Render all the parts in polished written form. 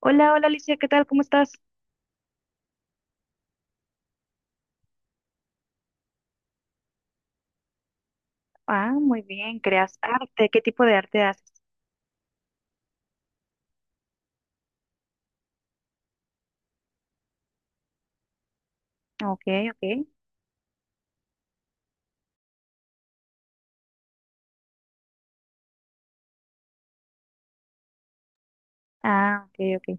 Hola, hola Alicia, ¿qué tal? ¿Cómo estás? Ah, muy bien, creas arte. ¿Qué tipo de arte haces? Ok, ok. Ah, ok, ok.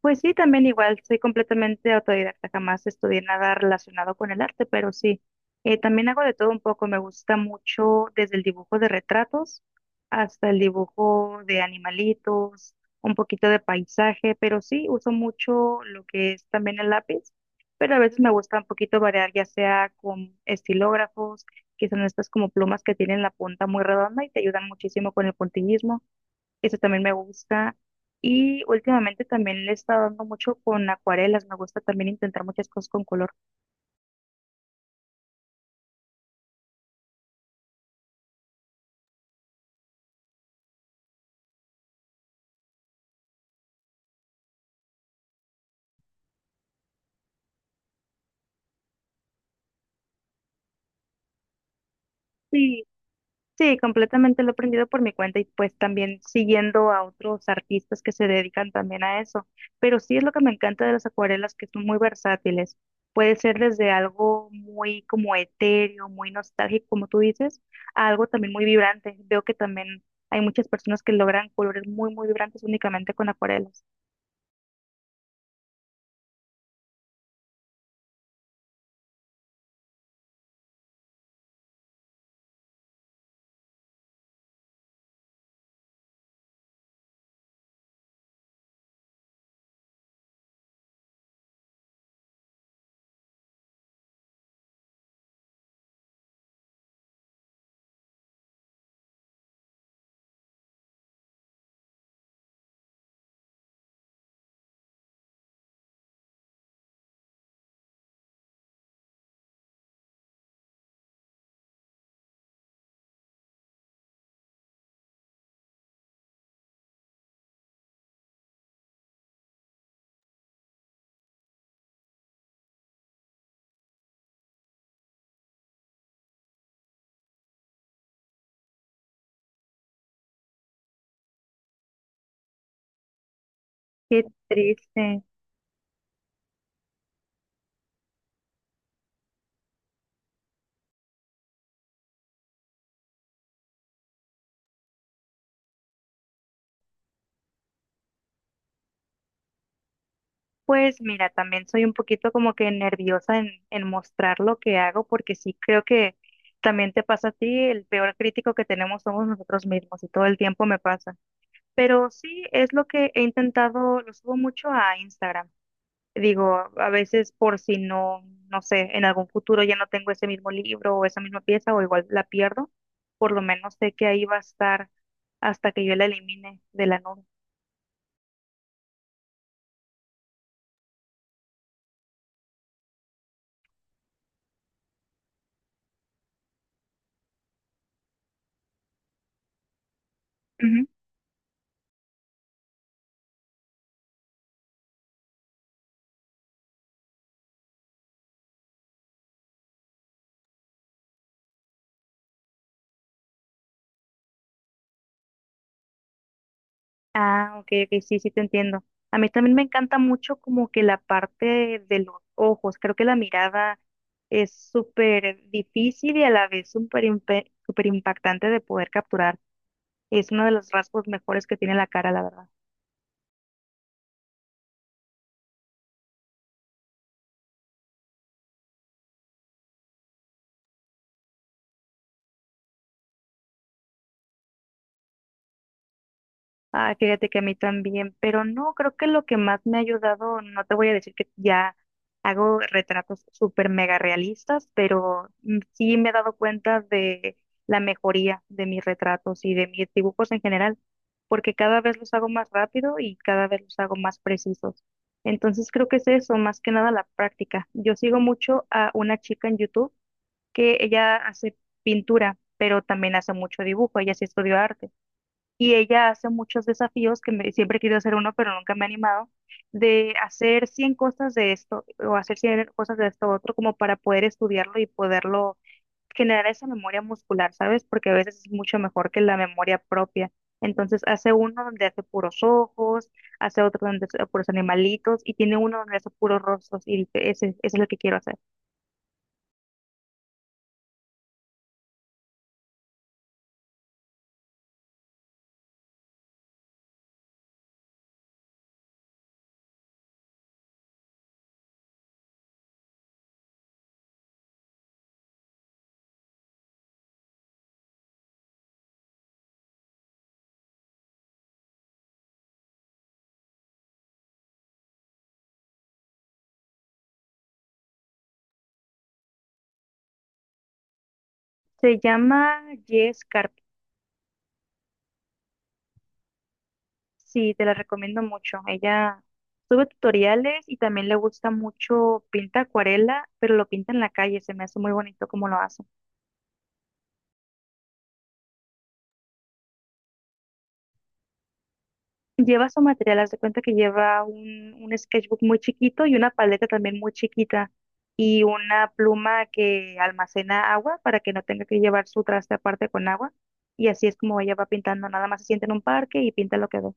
Pues sí, también igual, soy completamente autodidacta, jamás estudié nada relacionado con el arte, pero sí, también hago de todo un poco, me gusta mucho desde el dibujo de retratos hasta el dibujo de animalitos, un poquito de paisaje, pero sí, uso mucho lo que es también el lápiz, pero a veces me gusta un poquito variar, ya sea con estilógrafos, que son estas como plumas que tienen la punta muy redonda y te ayudan muchísimo con el puntillismo. Eso también me gusta. Y últimamente también le he estado dando mucho con acuarelas. Me gusta también intentar muchas cosas con color. Sí, sí, completamente lo he aprendido por mi cuenta y pues también siguiendo a otros artistas que se dedican también a eso. Pero sí es lo que me encanta de las acuarelas, que son muy versátiles. Puede ser desde algo muy como etéreo, muy nostálgico, como tú dices, a algo también muy vibrante. Veo que también hay muchas personas que logran colores muy, muy vibrantes únicamente con acuarelas. Qué triste. Pues mira, también soy un poquito como que nerviosa en mostrar lo que hago, porque sí creo que también te pasa a ti, el peor crítico que tenemos somos nosotros mismos y todo el tiempo me pasa. Pero sí es lo que he intentado, lo subo mucho a Instagram. Digo, a veces por si no, no sé, en algún futuro ya no tengo ese mismo libro o esa misma pieza o igual la pierdo, por lo menos sé que ahí va a estar hasta que yo la elimine de la nube. Ah, ok, ok, sí, sí te entiendo. A mí también me encanta mucho como que la parte de los ojos. Creo que la mirada es súper difícil y a la vez súper impactante de poder capturar. Es uno de los rasgos mejores que tiene la cara, la verdad. Ah, fíjate que a mí también, pero no, creo que lo que más me ha ayudado, no te voy a decir que ya hago retratos súper mega realistas, pero sí me he dado cuenta de la mejoría de mis retratos y de mis dibujos en general, porque cada vez los hago más rápido y cada vez los hago más precisos. Entonces creo que es eso, más que nada la práctica. Yo sigo mucho a una chica en YouTube que ella hace pintura, pero también hace mucho dibujo, ella sí estudió arte y ella hace muchos desafíos siempre he querido hacer uno, pero nunca me he animado, de hacer 100 cosas de esto o hacer 100 cosas de esto otro, como para poder estudiarlo y poderlo generar esa memoria muscular, ¿sabes? Porque a veces es mucho mejor que la memoria propia. Entonces hace uno donde hace puros ojos, hace otro donde hace puros animalitos y tiene uno donde hace puros rostros y dice, ese es lo que quiero hacer. Se llama Yes. Sí, te la recomiendo mucho. Ella sube tutoriales y también le gusta mucho, pinta acuarela, pero lo pinta en la calle, se me hace muy bonito como lo hace. Lleva su material, haz de cuenta que lleva un sketchbook muy chiquito y una paleta también muy chiquita y una pluma que almacena agua para que no tenga que llevar su traste aparte con agua. Y así es como ella va pintando, nada más se sienta en un parque y pinta lo que ve.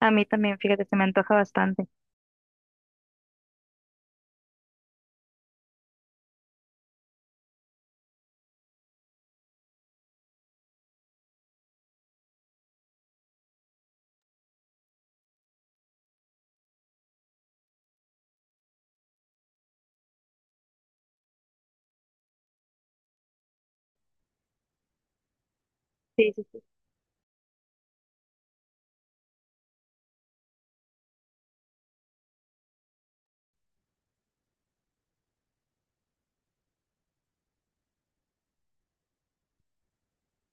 A mí también, fíjate, se me antoja bastante. Sí, sí, sí.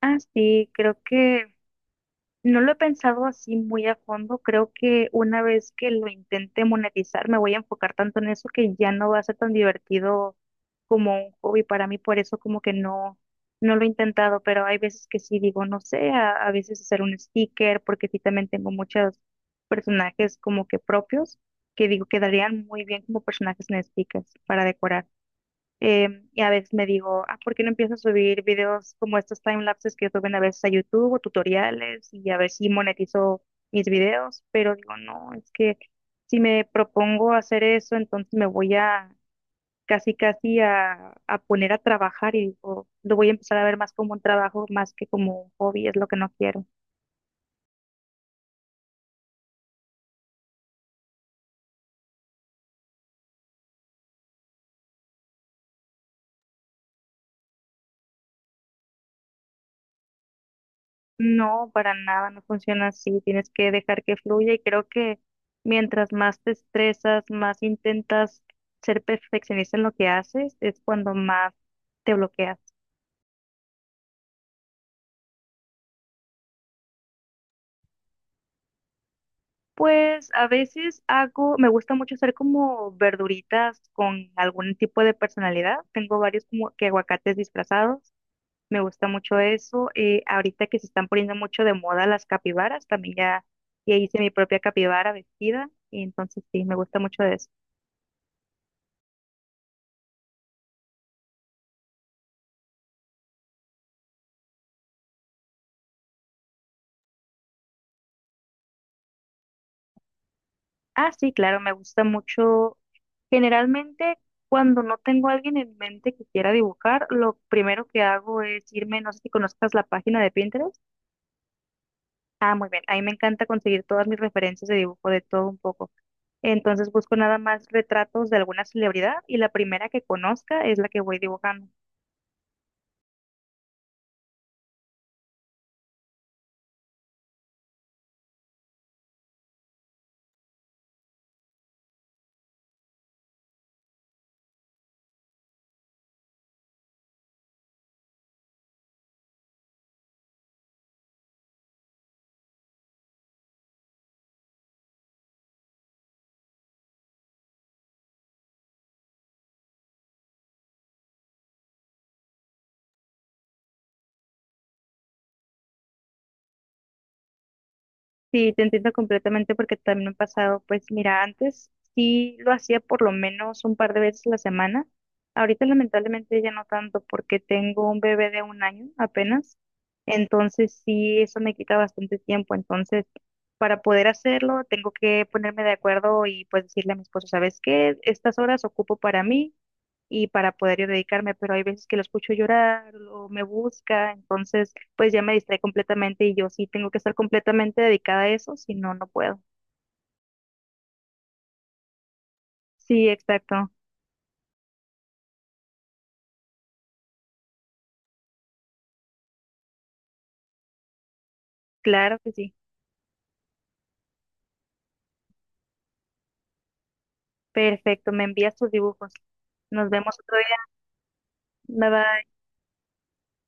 Ah, sí, creo que no lo he pensado así muy a fondo. Creo que una vez que lo intente monetizar, me voy a enfocar tanto en eso que ya no va a ser tan divertido como un hobby para mí. Por eso como que no, no lo he intentado, pero hay veces que sí digo, no sé, a veces hacer un sticker, porque sí también tengo muchos personajes como que propios, que digo quedarían muy bien como personajes en stickers para decorar. Y a veces me digo, ah, ¿por qué no empiezo a subir videos como estos time lapses que suben a veces a YouTube o tutoriales y a ver si monetizo mis videos? Pero digo, no, es que si me propongo hacer eso, entonces me voy a casi casi a poner a trabajar y digo, lo voy a empezar a ver más como un trabajo más que como un hobby, es lo que no quiero. No, para nada, no funciona así. Tienes que dejar que fluya y creo que mientras más te estresas, más intentas ser perfeccionista en lo que haces, es cuando más te bloqueas. Pues a veces hago, me gusta mucho hacer como verduritas con algún tipo de personalidad. Tengo varios como que aguacates disfrazados. Me gusta mucho eso. Ahorita que se están poniendo mucho de moda las capibaras, también ya, ya hice mi propia capibara vestida y entonces sí, me gusta mucho eso. Ah, sí, claro, me gusta mucho. Generalmente, cuando no tengo a alguien en mente que quiera dibujar, lo primero que hago es irme, no sé si conozcas la página de Pinterest. Ah, muy bien, ahí me encanta conseguir todas mis referencias de dibujo de todo un poco. Entonces busco nada más retratos de alguna celebridad y la primera que conozca es la que voy dibujando. Sí, te entiendo completamente porque también me ha pasado, pues mira, antes sí lo hacía por lo menos un par de veces a la semana. Ahorita lamentablemente ya no tanto porque tengo un bebé de un año apenas. Entonces sí, eso me quita bastante tiempo. Entonces, para poder hacerlo, tengo que ponerme de acuerdo y pues decirle a mi esposo, ¿sabes qué? Estas horas ocupo para mí y para poder yo dedicarme, pero hay veces que lo escucho llorar o me busca, entonces pues ya me distrae completamente y yo sí tengo que estar completamente dedicada a eso, si no, no puedo. Sí, exacto, claro que sí. Perfecto, me envías tus dibujos. Nos vemos otro día. Bye bye.